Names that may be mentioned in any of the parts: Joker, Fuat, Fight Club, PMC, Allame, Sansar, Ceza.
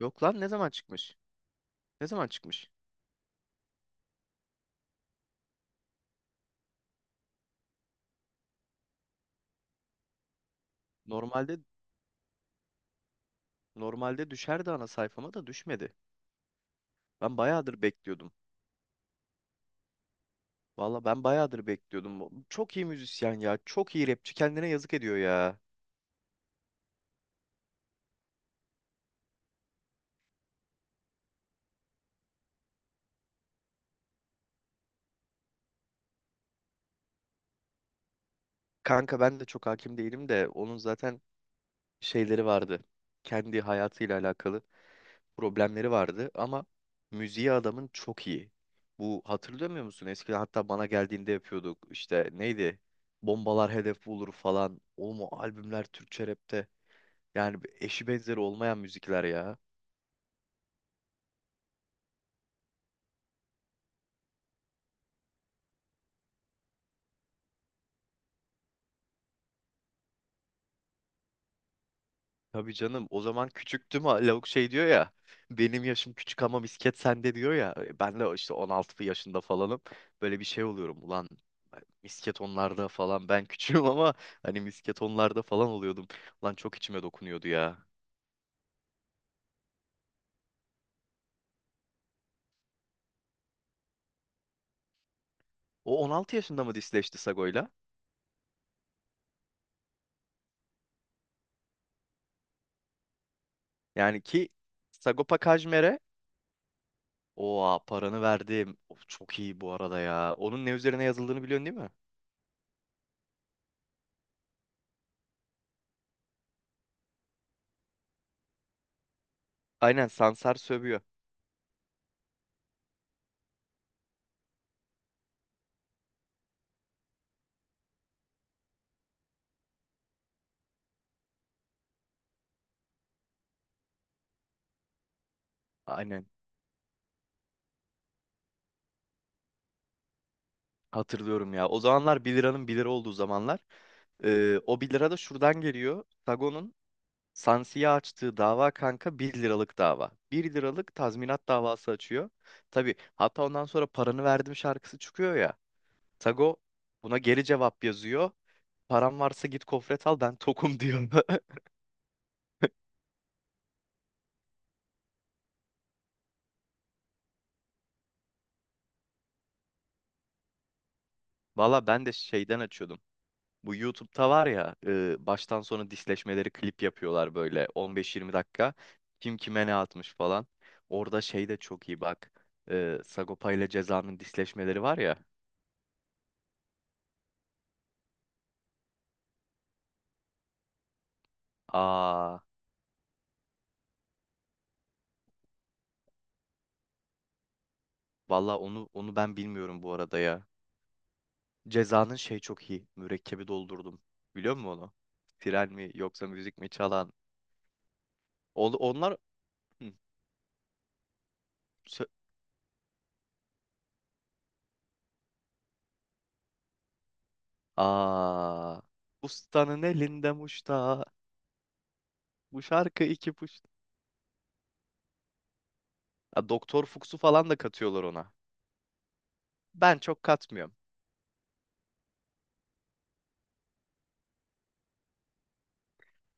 Yok lan ne zaman çıkmış? Ne zaman çıkmış? Normalde normalde düşerdi ana sayfama da düşmedi. Ben bayağıdır bekliyordum. Valla ben bayağıdır bekliyordum. Çok iyi müzisyen ya. Çok iyi rapçi. Kendine yazık ediyor ya. Kanka ben de çok hakim değilim de onun zaten şeyleri vardı. Kendi hayatıyla alakalı problemleri vardı ama müziği adamın çok iyi. Bu hatırlamıyor musun? Eskiden hatta bana geldiğinde yapıyorduk. İşte neydi? Bombalar hedef bulur falan. Oğlum o albümler Türkçe rapte. Yani eşi benzeri olmayan müzikler ya. Tabii canım o zaman küçüktüm ha, lavuk şey diyor ya. Benim yaşım küçük ama misket sende diyor ya. Ben de işte 16 yaşında falanım. Böyle bir şey oluyorum ulan misket onlarda falan ben küçüğüm ama hani misket onlarda falan oluyordum. Ulan çok içime dokunuyordu ya. O 16 yaşında mı disleşti Sago'yla? Yani ki Sagopa Kajmer'e oha paranı verdim. Of, çok iyi bu arada ya. Onun ne üzerine yazıldığını biliyorsun değil mi? Aynen Sansar sövüyor. Aynen. Hatırlıyorum ya. O zamanlar bir liranın bir lira olduğu zamanlar. O bir lira da şuradan geliyor. Sagon'un Sansi'ye açtığı dava kanka bir liralık dava. Bir liralık tazminat davası açıyor. Tabii hatta ondan sonra paranı verdim şarkısı çıkıyor ya. Sago buna geri cevap yazıyor. Param varsa git kofret al ben tokum diyor. Valla ben de şeyden açıyordum. Bu YouTube'da var ya baştan sona disleşmeleri klip yapıyorlar böyle 15-20 dakika. Kim kime ne atmış falan. Orada şey de çok iyi bak. Sagopa ile Ceza'nın disleşmeleri var ya. Aa valla onu ben bilmiyorum bu arada ya. Ceza'nın şey çok iyi. Mürekkebi doldurdum. Biliyor musun onu? Tren mi yoksa müzik mi çalan? On- onlar Hı, sö- Aa ustanın elinde muşta. Bu şarkı iki puşta. Ha, Doktor Fuchs'u falan da katıyorlar ona. Ben çok katmıyorum.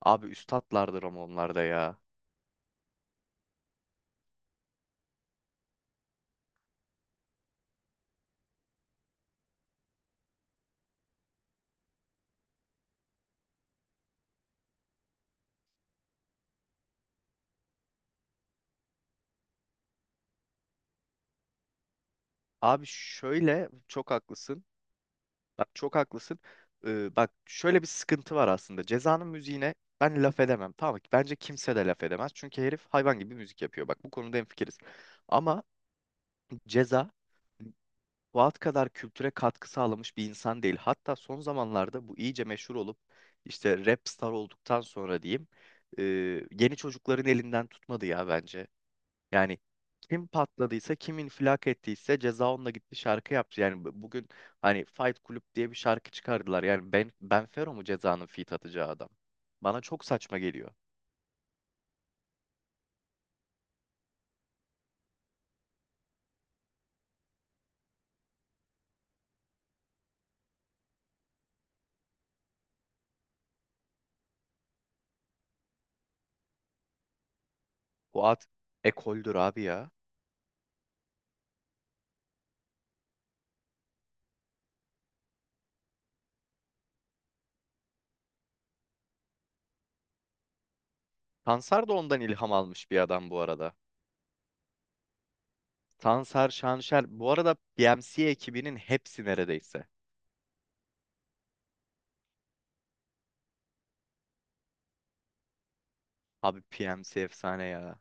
Abi üstatlardır ama onlar da ya. Abi şöyle çok haklısın. Bak çok haklısın. Bak şöyle bir sıkıntı var aslında. Ceza'nın müziğine ben laf edemem. Tamam mı? Bence kimse de laf edemez. Çünkü herif hayvan gibi müzik yapıyor. Bak bu konuda hemfikiriz. Ama Ceza Fuat kadar kültüre katkı sağlamış bir insan değil. Hatta son zamanlarda bu iyice meşhur olup işte rap star olduktan sonra diyeyim e, yeni çocukların elinden tutmadı ya bence. Yani kim patladıysa, kim infilak ettiyse ceza onunla gitti şarkı yaptı. Yani bugün hani Fight Club diye bir şarkı çıkardılar. Yani ben benfero mu cezanın feat atacağı adam? Bana çok saçma geliyor. Bu at ekoldür abi ya. Tansar da ondan ilham almış bir adam bu arada. Tansar, Şanşer. Bu arada PMC ekibinin hepsi neredeyse. Abi PMC efsane ya.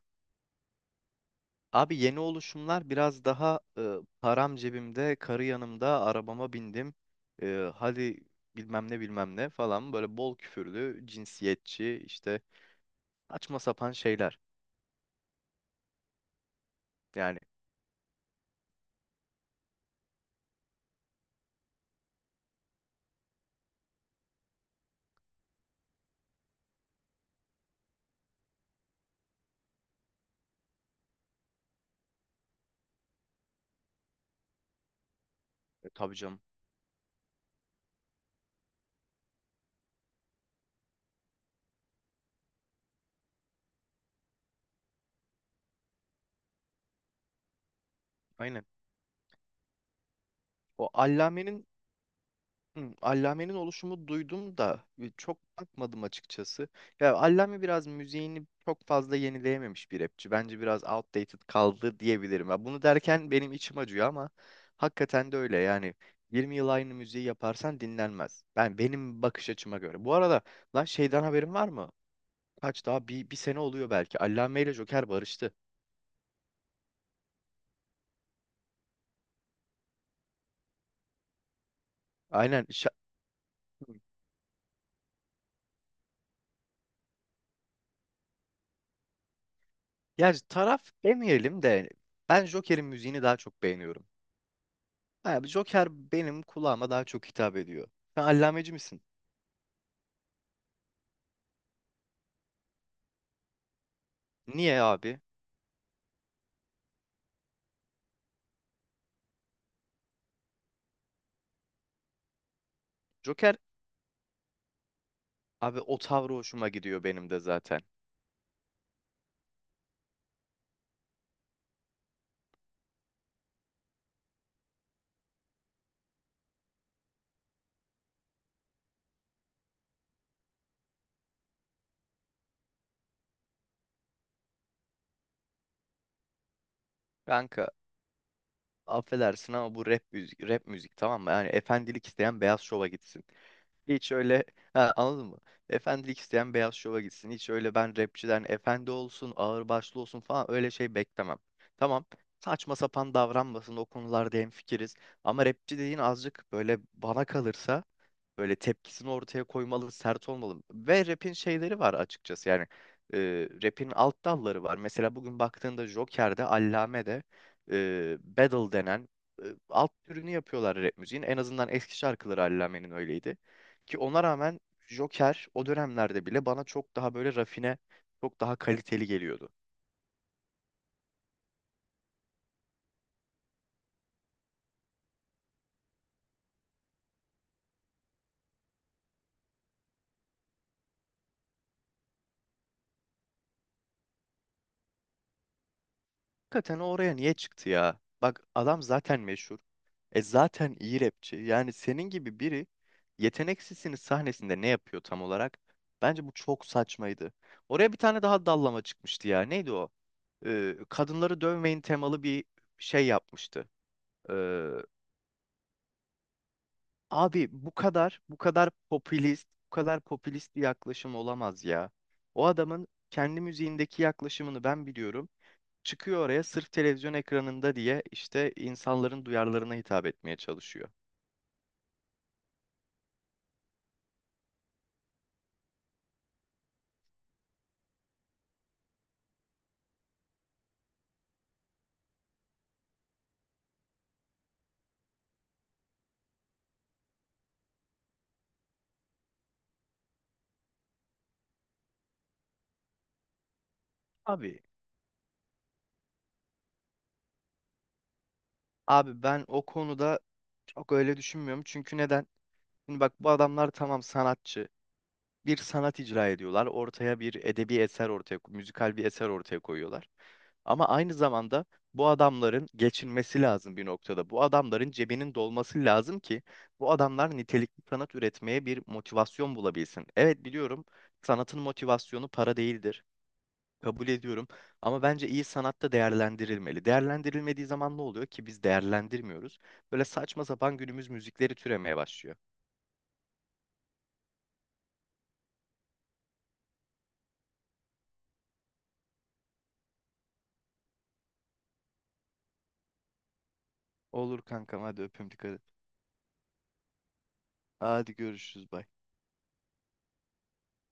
Abi yeni oluşumlar biraz daha param cebimde, karı yanımda, arabama bindim. Hadi bilmem ne bilmem ne falan böyle bol küfürlü, cinsiyetçi işte saçma sapan şeyler. Yani tabii canım. Aynen. O Allame'nin Hı, Allame'nin oluşumu duydum da çok bakmadım açıkçası. Ya Allame biraz müziğini çok fazla yenileyememiş bir rapçi. Bence biraz outdated kaldı diyebilirim. Ya bunu derken benim içim acıyor ama hakikaten de öyle. Yani 20 yıl aynı müziği yaparsan dinlenmez. Ben benim bakış açıma göre. Bu arada lan şeyden haberin var mı? Kaç daha bir sene oluyor belki. Allame ile Joker barıştı. Aynen. Yani taraf demeyelim de ben Joker'in müziğini daha çok beğeniyorum. Abi Joker benim kulağıma daha çok hitap ediyor. Sen allameci misin? Niye abi? Joker abi o tavrı hoşuma gidiyor benim de zaten. Kanka affedersin ama bu rap müzik, rap müzik tamam mı? Yani efendilik isteyen beyaz şova gitsin. Hiç öyle ha, anladın mı? Efendilik isteyen beyaz şova gitsin. Hiç öyle ben rapçiden efendi olsun, ağırbaşlı olsun falan öyle şey beklemem. Tamam. Saçma sapan davranmasın o konularda hemfikiriz. Ama rapçi dediğin azıcık böyle bana kalırsa böyle tepkisini ortaya koymalı, sert olmalı. Ve rap'in şeyleri var açıkçası. Yani e, rap'in alt dalları var. Mesela bugün baktığında Joker'de, Allame'de battle denen alt türünü yapıyorlar rap müziğin. En azından eski şarkıları Allame'nin öyleydi. Ki ona rağmen Joker o dönemlerde bile bana çok daha böyle rafine, çok daha kaliteli geliyordu. Hakikaten oraya niye çıktı ya? Bak adam zaten meşhur. E zaten iyi rapçi. Yani senin gibi biri yeteneksizsiniz sahnesinde ne yapıyor tam olarak? Bence bu çok saçmaydı. Oraya bir tane daha dallama çıkmıştı ya. Neydi o? Kadınları dövmeyin temalı bir şey yapmıştı. Ee, Abi bu kadar popülist, bu kadar popülist bir yaklaşım olamaz ya. O adamın kendi müziğindeki yaklaşımını ben biliyorum çıkıyor oraya sırf televizyon ekranında diye işte insanların duyarlarına hitap etmeye çalışıyor. Abi, abi, ben o konuda çok öyle düşünmüyorum. Çünkü neden? Şimdi bak bu adamlar tamam sanatçı. Bir sanat icra ediyorlar. Ortaya bir edebi eser ortaya, müzikal bir eser ortaya koyuyorlar. Ama aynı zamanda bu adamların geçinmesi lazım bir noktada. Bu adamların cebinin dolması lazım ki bu adamlar nitelikli sanat üretmeye bir motivasyon bulabilsin. Evet biliyorum sanatın motivasyonu para değildir. Kabul ediyorum. Ama bence iyi sanatta değerlendirilmeli. Değerlendirilmediği zaman ne oluyor ki biz değerlendirmiyoruz. Böyle saçma sapan günümüz müzikleri türemeye başlıyor. Olur kankam hadi öpüm dikkat et. Hadi görüşürüz. Bye.